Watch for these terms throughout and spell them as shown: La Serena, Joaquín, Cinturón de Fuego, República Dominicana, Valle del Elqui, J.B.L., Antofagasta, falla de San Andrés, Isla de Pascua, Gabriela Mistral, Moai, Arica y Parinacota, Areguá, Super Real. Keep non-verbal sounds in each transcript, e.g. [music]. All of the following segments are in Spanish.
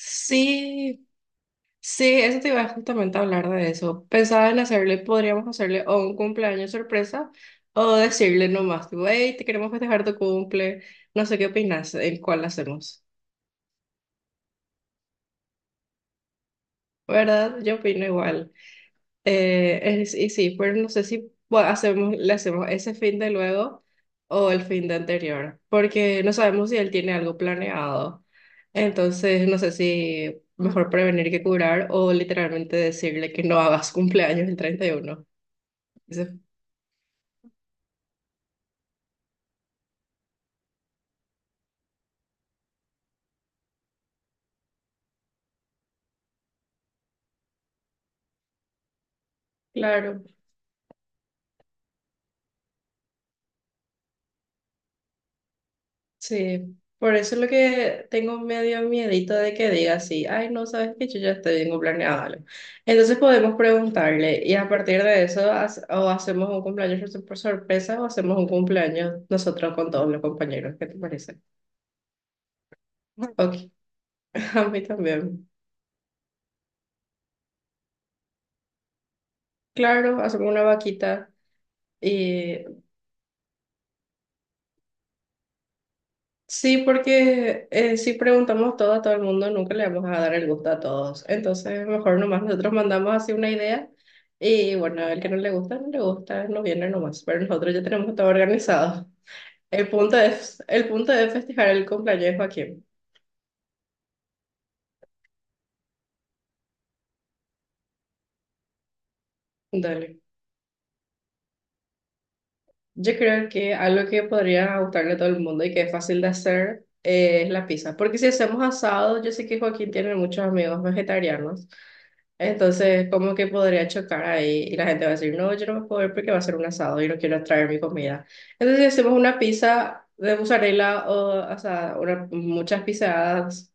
Sí, sí, eso te iba justamente a hablar de eso. Pensaba en hacerle, podríamos hacerle o un cumpleaños sorpresa o decirle nomás, tipo, hey, te queremos festejar tu cumple, no sé qué opinas, en cuál hacemos, ¿verdad? Yo opino igual. Y sí, pero no sé si bueno, hacemos, le hacemos ese fin de luego o el fin de anterior, porque no sabemos si él tiene algo planeado. Entonces, no sé si mejor prevenir que curar o literalmente decirle que no hagas cumpleaños el 31. Ese- Claro. Sí, por eso es lo que tengo medio miedito de que diga así, ay, no sabes que yo ya estoy bien planeado algo. Entonces podemos preguntarle y a partir de eso o hacemos un cumpleaños por sorpresa o hacemos un cumpleaños nosotros con todos los compañeros, ¿qué te parece? Ok, [laughs] a mí también. Claro, hacemos una vaquita y sí, porque si preguntamos todo a todo el mundo, nunca le vamos a dar el gusto a todos. Entonces, mejor nomás nosotros mandamos así una idea y bueno, el que no le gusta, no le gusta, no viene nomás. Pero nosotros ya tenemos todo organizado. El punto es festejar el cumpleaños de Joaquín. Dale. Yo creo que algo que podría gustarle a todo el mundo y que es fácil de hacer es la pizza. Porque si hacemos asado, yo sé que Joaquín tiene muchos amigos vegetarianos. Entonces, ¿cómo que podría chocar ahí? Y la gente va a decir, no, yo no me puedo ir porque va a ser un asado y no quiero traer mi comida. Entonces, si hacemos una pizza de mozzarella o sea, muchas pizzas,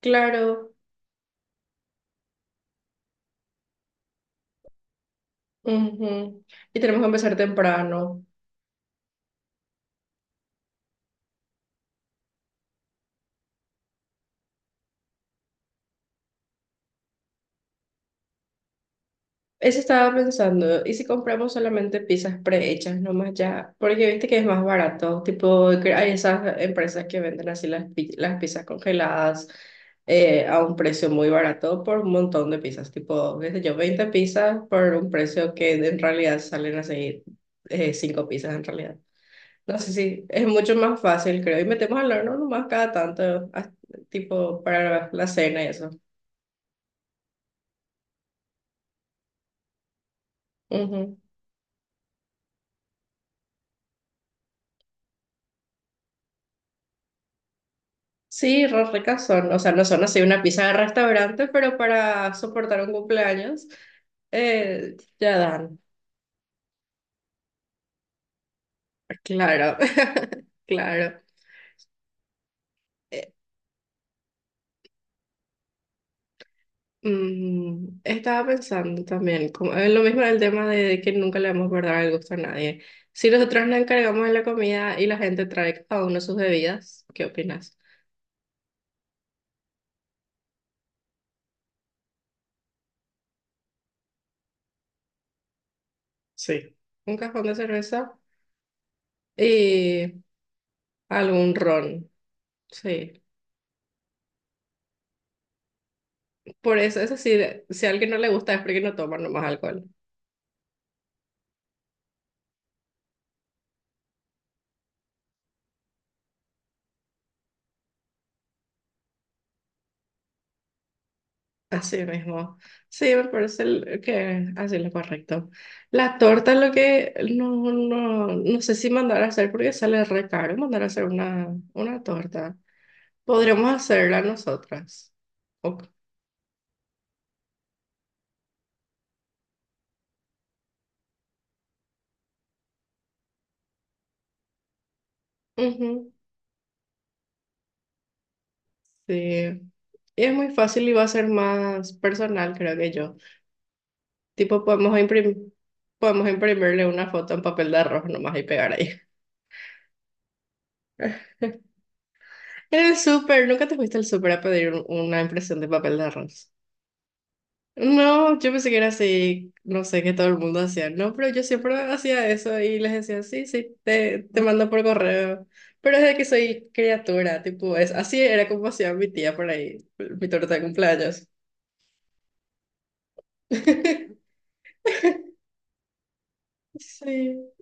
claro. Ujú. Y tenemos que empezar temprano. Eso estaba pensando, ¿y si compramos solamente pizzas prehechas nomás ya? Porque viste que es más barato, tipo, que hay esas empresas que venden así las pizzas congeladas a un precio muy barato por un montón de pizzas, tipo, qué sé yo, 20 pizzas por un precio que en realidad salen así 5 pizzas en realidad. No sé si es mucho más fácil, creo, y metemos al horno nomás cada tanto, tipo, para la cena y eso. Ujú. Sí, re ricas son, o sea, no son así una pizza de restaurante, pero para soportar un cumpleaños, ya dan. Claro, [laughs] claro. Eh, estaba pensando también, como, en lo mismo del tema de que nunca le vamos a guardar el gusto a nadie. Si nosotros nos encargamos de la comida y la gente trae cada uno sus bebidas, ¿qué opinas? Sí. Un cajón de cerveza y algún ron, sí. Por eso, eso sí, si a alguien no le gusta es porque no toma nomás alcohol. Así mismo. Sí, me parece que así es lo correcto. La torta es lo que no, no, no sé si mandar a hacer porque sale re caro mandar a hacer una torta. Podríamos hacerla nosotras. Ok. Ujú, sí. Y es muy fácil y va a ser más personal, creo que yo. Tipo, podemos imprimirle una foto en papel de arroz nomás y pegar ahí. [laughs] En el súper, ¿nunca te fuiste al súper a pedir una impresión de papel de arroz? No, yo pensé que era así, no sé, que todo el mundo hacía, no, pero yo siempre hacía eso y les decía, sí, sí, te mando por correo, pero desde que soy criatura, tipo, es, así era como hacía mi tía por ahí, mi torta de cumpleaños. [laughs] Sí,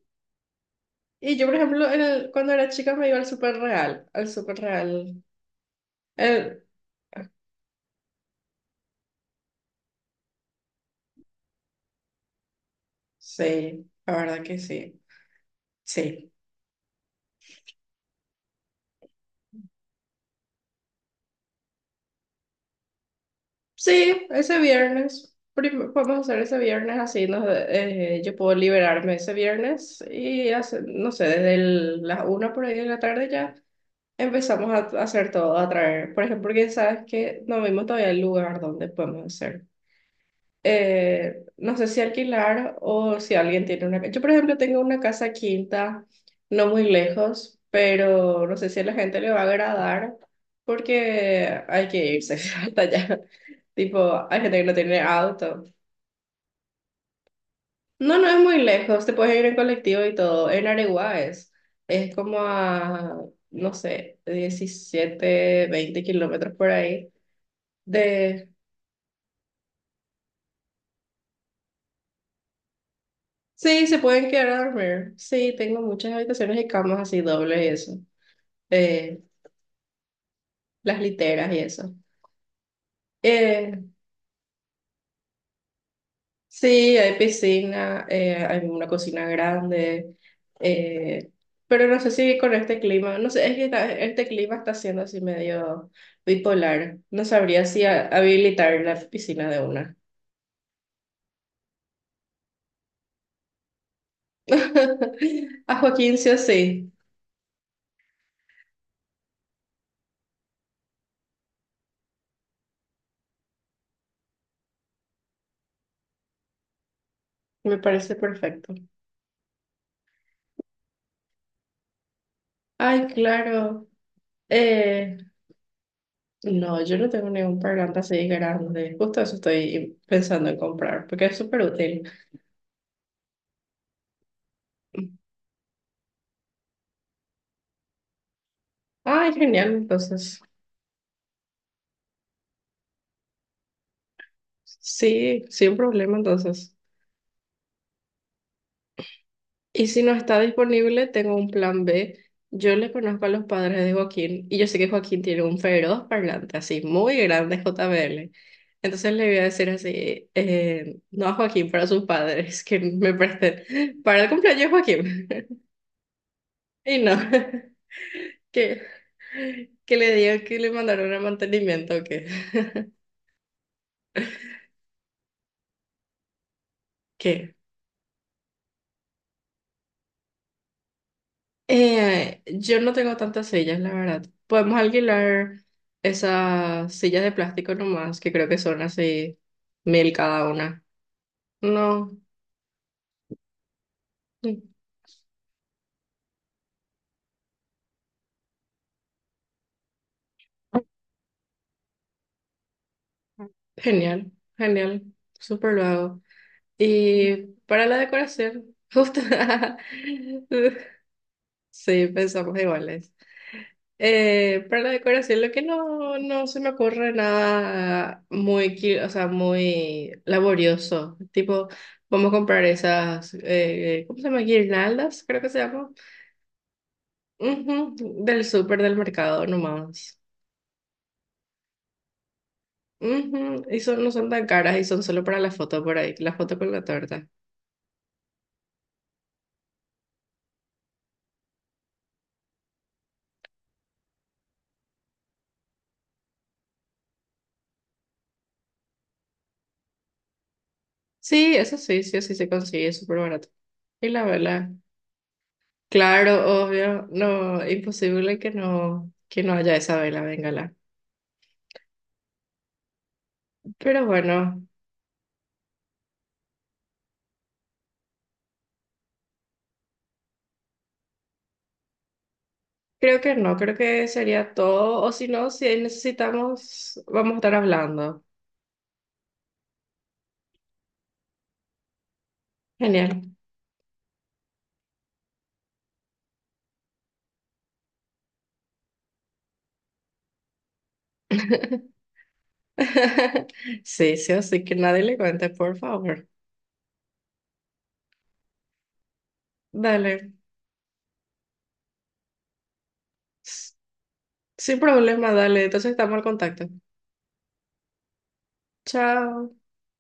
y yo, por ejemplo, cuando era chica me iba al Super Real, el, sí, la verdad que sí, sí. Sí, ese viernes. Podemos hacer ese viernes así. Nos, yo puedo liberarme ese viernes y no sé, las una por ahí de la tarde ya empezamos a hacer todo, a traer. Por ejemplo, porque sabes que no vimos todavía el lugar donde podemos hacer no sé si alquilar o si alguien tiene una... Yo, por ejemplo, tengo una casa quinta, no muy lejos, pero no sé si a la gente le va a agradar porque hay que irse [laughs] hasta allá. Tipo, hay gente que no tiene auto. No, no es muy lejos, te puedes ir en colectivo y todo. En Areguá es como a, no sé, 17 20 km por ahí de, sí, se pueden quedar a dormir. Sí, tengo muchas habitaciones y camas así dobles y eso. Eh, las literas y eso. Eh, sí, hay piscina, hay una cocina grande. eh, pero no sé si con este clima, no sé, es que este clima está siendo así medio bipolar. No sabría si habilitar la piscina de una. [laughs] A Joaquín sí o sí, me parece perfecto. Ay, claro. eh. No, yo no tengo ningún parlante así grande. Justo eso estoy pensando en comprar, porque es súper útil. Ay, genial, entonces. Sí, sin problema, entonces. Y si no está disponible, tengo un plan B. Yo le conozco a los padres de Joaquín y yo sé que Joaquín tiene un feroz parlante así, muy grande JBL. Entonces le voy a decir así, no a Joaquín, para sus padres que me presten para el cumpleaños de Joaquín. [laughs] Y no. que, que le diga que le mandaron el mantenimiento o qué. [laughs] ¿Qué? Yo no tengo tantas sillas, la verdad. Podemos alquilar esas sillas de plástico nomás, que creo que son así 1.000 cada una. No. Mm, genial, genial. Súper lo hago. Y para la decoración, [laughs] justo. Sí, pensamos iguales. Para la decoración, lo que no, no se me ocurre nada muy, o sea, muy laborioso. Tipo, vamos a comprar esas, ¿cómo se llama? Guirnaldas, creo que se llama. Ujú, del súper del mercado nomás. Ujú, y son, no son tan caras y son solo para la foto por ahí, la foto con la torta. Sí, eso sí, sí, sí se consigue, es súper barato. Y la vela, claro, obvio, no, imposible que no haya esa vela, véngala. Pero bueno. Creo que no, creo que sería todo. O si no, si necesitamos, vamos a estar hablando. Genial. [laughs] Sí, sí, así que nadie le cuente, por favor. Dale. S- Sin problema, dale. Entonces estamos al contacto. Chao.